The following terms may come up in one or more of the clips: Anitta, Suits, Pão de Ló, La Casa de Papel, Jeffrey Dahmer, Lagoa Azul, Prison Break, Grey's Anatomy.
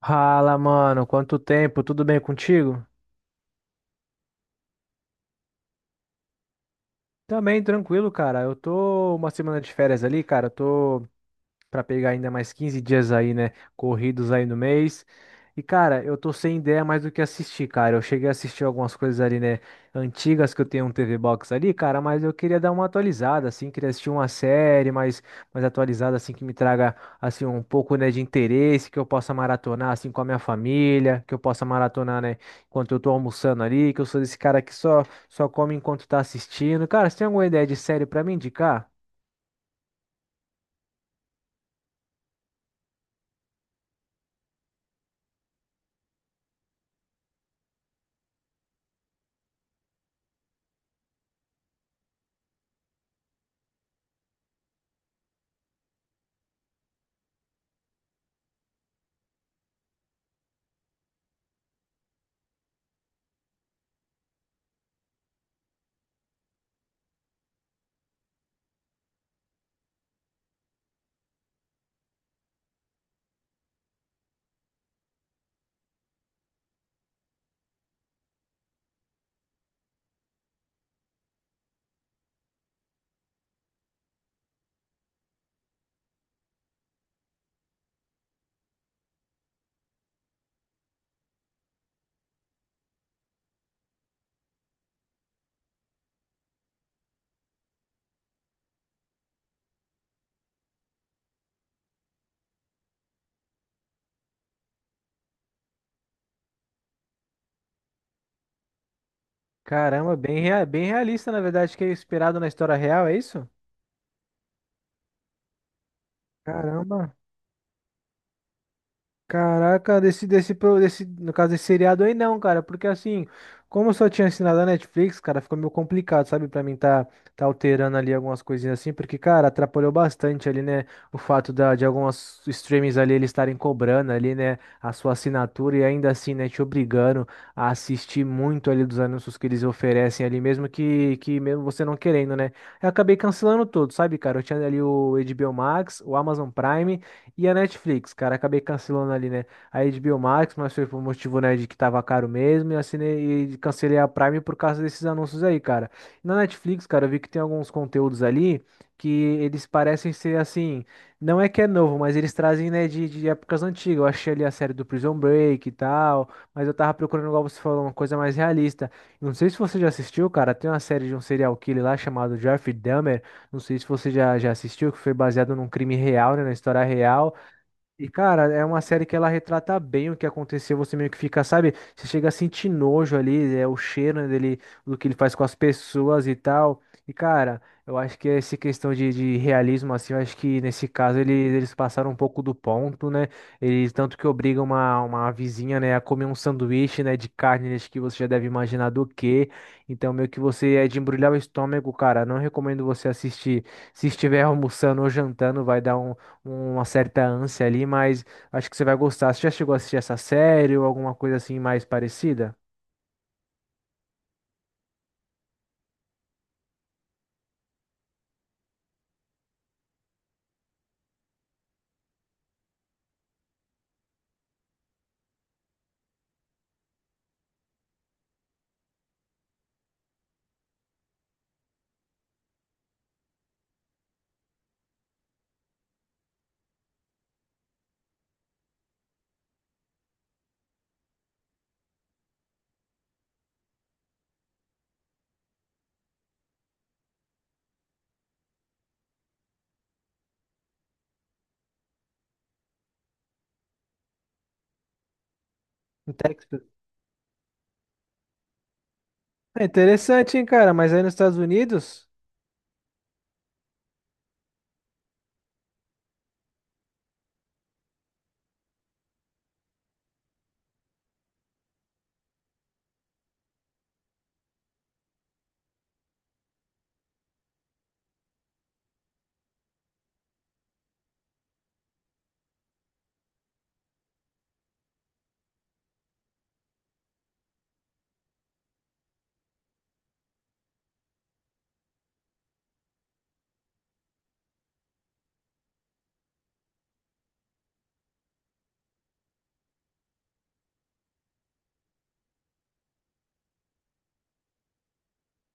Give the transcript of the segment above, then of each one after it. Fala, mano, quanto tempo? Tudo bem contigo? Também tranquilo, cara. Eu tô uma semana de férias ali, cara. Eu tô para pegar ainda mais 15 dias aí, né? Corridos aí no mês. E, cara, eu tô sem ideia mais do que assistir, cara. Eu cheguei a assistir algumas coisas ali, né? Antigas que eu tenho um TV Box ali, cara, mas eu queria dar uma atualizada, assim. Queria assistir uma série mais, mais atualizada, assim, que me traga, assim, um pouco, né, de interesse, que eu possa maratonar, assim, com a minha família, que eu possa maratonar, né, enquanto eu tô almoçando ali, que eu sou desse cara que só come enquanto tá assistindo. Cara, você tem alguma ideia de série pra me indicar? Caramba, bem, bem realista, na verdade, que é inspirado na história real, é isso? Caramba. Caraca, desse, no caso desse seriado aí não, cara, porque assim, como eu só tinha assinado a Netflix, cara, ficou meio complicado, sabe, pra mim tá alterando ali algumas coisinhas assim, porque, cara, atrapalhou bastante ali, né, o fato da, de algumas streamings ali eles estarem cobrando ali, né, a sua assinatura e ainda assim, né, te obrigando a assistir muito ali dos anúncios que eles oferecem ali, mesmo que mesmo você não querendo, né. Eu acabei cancelando tudo, sabe, cara, eu tinha ali o HBO Max, o Amazon Prime, e a Netflix, cara, acabei cancelando ali, né? A HBO Max, mas foi por um motivo, né, de que tava caro mesmo. E assinei e cancelei a Prime por causa desses anúncios aí, cara. Na Netflix, cara, eu vi que tem alguns conteúdos ali que eles parecem ser assim. Não é que é novo, mas eles trazem, né, de épocas antigas. Eu achei ali a série do Prison Break e tal. Mas eu tava procurando, igual você falou, uma coisa mais realista. Não sei se você já assistiu, cara. Tem uma série de um serial killer lá chamado Jeffrey Dahmer. Não sei se você já assistiu, que foi baseado num crime real, né, na história real. E, cara, é uma série que ela retrata bem o que aconteceu. Você meio que fica, sabe? Você chega a sentir nojo ali, é o cheiro, né, dele, do que ele faz com as pessoas e tal. E, cara, eu acho que essa questão de realismo, assim, eu acho que nesse caso eles passaram um pouco do ponto, né? Eles tanto que obrigam uma vizinha, né, a comer um sanduíche, né, de carne, acho que você já deve imaginar do que. Então, meio que você é de embrulhar o estômago, cara. Não recomendo você assistir. Se estiver almoçando ou jantando, vai dar uma certa ânsia ali, mas acho que você vai gostar. Você já chegou a assistir essa série ou alguma coisa assim mais parecida? No Texas. É interessante, hein, cara? Mas aí nos Estados Unidos.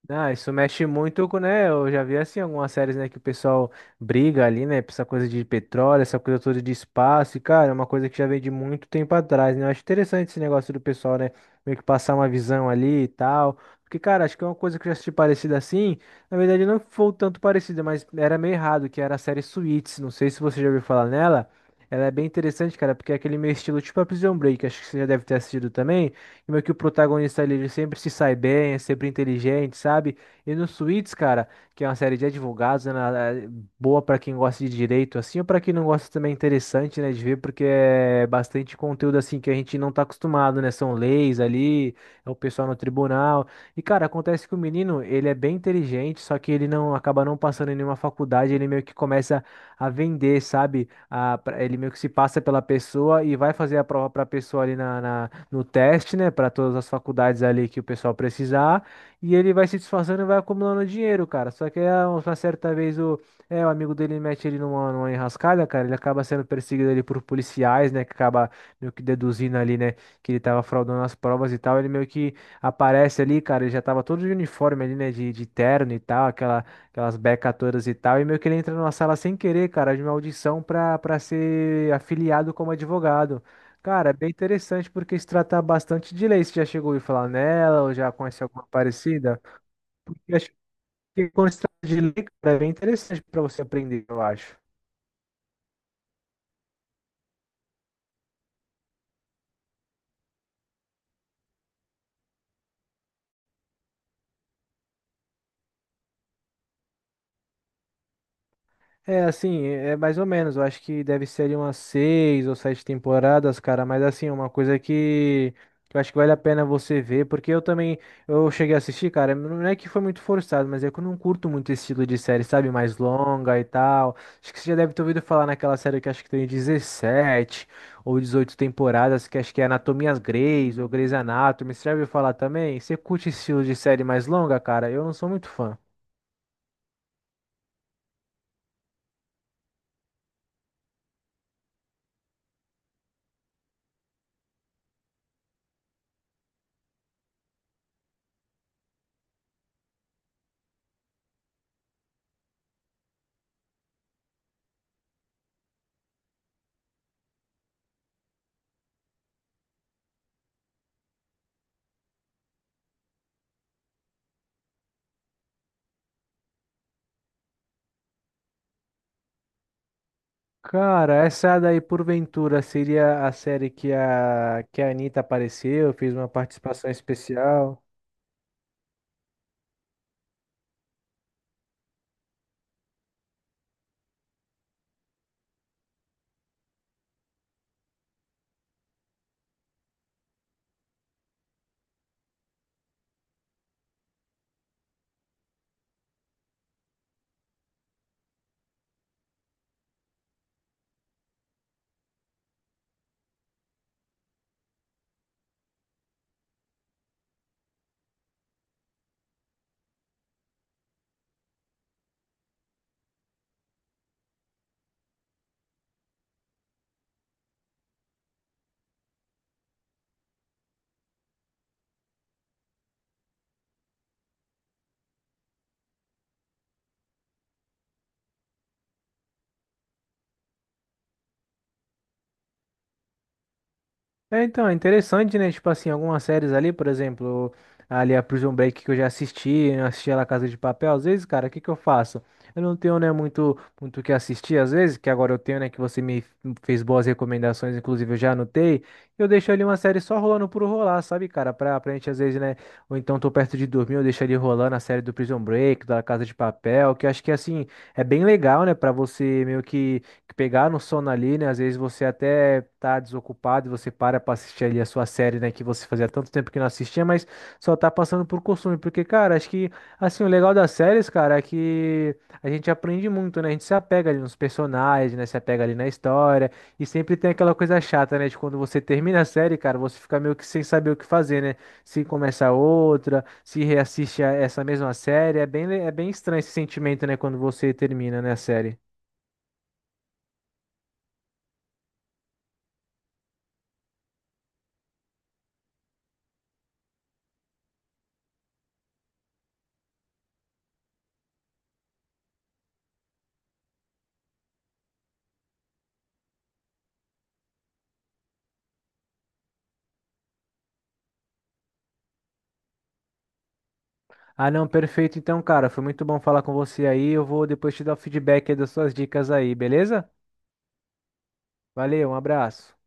Ah, isso mexe muito com, né? Eu já vi assim algumas séries, né, que o pessoal briga ali, né, por essa coisa de petróleo, essa coisa toda de espaço, e cara, é uma coisa que já vem de muito tempo atrás, né? Eu acho interessante esse negócio do pessoal, né, meio que passar uma visão ali e tal. Porque, cara, acho que é uma coisa que eu já assisti parecida assim. Na verdade, não foi tanto parecida, mas era meio errado, que era a série Suits. Não sei se você já ouviu falar nela. Ela é bem interessante, cara, porque é aquele meio estilo tipo a Prison Break. Acho que você já deve ter assistido também e meio que o protagonista ali, ele sempre se sai bem, é sempre inteligente, sabe? E no Suits, cara, que é uma série de advogados, né, é boa pra quem gosta de direito, assim, ou pra quem não gosta também é interessante, né, de ver, porque é bastante conteúdo, assim, que a gente não tá acostumado, né? São leis ali, é o pessoal no tribunal. E, cara, acontece que o menino, ele é bem inteligente, só que ele não acaba não passando em nenhuma faculdade, ele meio que começa a vender, sabe? Ele meio que se passa pela pessoa e vai fazer a prova para a pessoa ali na no teste, né, para todas as faculdades ali que o pessoal precisar, e ele vai se disfarçando e vai acumulando dinheiro, cara. Só que uma certa vez o amigo dele mete ele numa enrascada, cara, ele acaba sendo perseguido ali por policiais, né, que acaba meio que deduzindo ali, né, que ele tava fraudando as provas e tal, ele meio que aparece ali, cara, ele já tava todo de uniforme ali, né, de terno e tal, aquela, aquelas becas todas e tal, e meio que ele entra numa sala sem querer, cara, de uma audição pra ser afiliado como advogado. Cara, é bem interessante porque se trata bastante de lei. Você já chegou a ouvir falar nela ou já conhece alguma parecida? Porque acho que quando se trata de lei, cara, é bem interessante para você aprender, eu acho. É, assim, é mais ou menos. Eu acho que deve ser de umas seis ou sete temporadas, cara. Mas assim, é uma coisa que eu acho que vale a pena você ver, porque eu também, eu cheguei a assistir, cara, não é que foi muito forçado, mas é que eu não curto muito esse estilo de série, sabe? Mais longa e tal. Acho que você já deve ter ouvido falar naquela série que acho que tem 17 ou 18 temporadas, que acho que é Anatomias Grey's ou Grey's Anatomy. Você já ouviu falar também? Você curte esse estilo de série mais longa, cara? Eu não sou muito fã. Cara, essa daí, porventura, seria a série que a Anitta apareceu, fez uma participação especial. É, então, é interessante, né? Tipo assim, algumas séries ali, por exemplo, ali a Prison Break que eu já assisti, eu assisti a La Casa de Papel, às vezes, cara, o que que eu faço? Eu não tenho, né, muito o que assistir, às vezes, que agora eu tenho, né, que você me fez boas recomendações, inclusive eu já anotei, eu deixo ali uma série só rolando por rolar, sabe, cara? Pra gente, às vezes, né, ou então tô perto de dormir, eu deixo ali rolando a série do Prison Break, da La Casa de Papel, que eu acho que, assim, é bem legal, né, pra você meio que pegar no sono ali, né? Às vezes você até tá desocupado e você para pra assistir ali a sua série, né? Que você fazia tanto tempo que não assistia, mas só tá passando por costume. Porque, cara, acho que, assim, o legal das séries, cara, é que a gente aprende muito, né? A gente se apega ali nos personagens, né? Se apega ali na história. E sempre tem aquela coisa chata, né? De quando você termina a série, cara, você fica meio que sem saber o que fazer, né? Se começa outra, se reassiste a essa mesma série. É bem, é bem estranho esse sentimento, né? Quando você termina, né, a série. Ah, não, perfeito. Então, cara, foi muito bom falar com você aí. Eu vou depois te dar o feedback aí das suas dicas aí, beleza? Valeu, um abraço.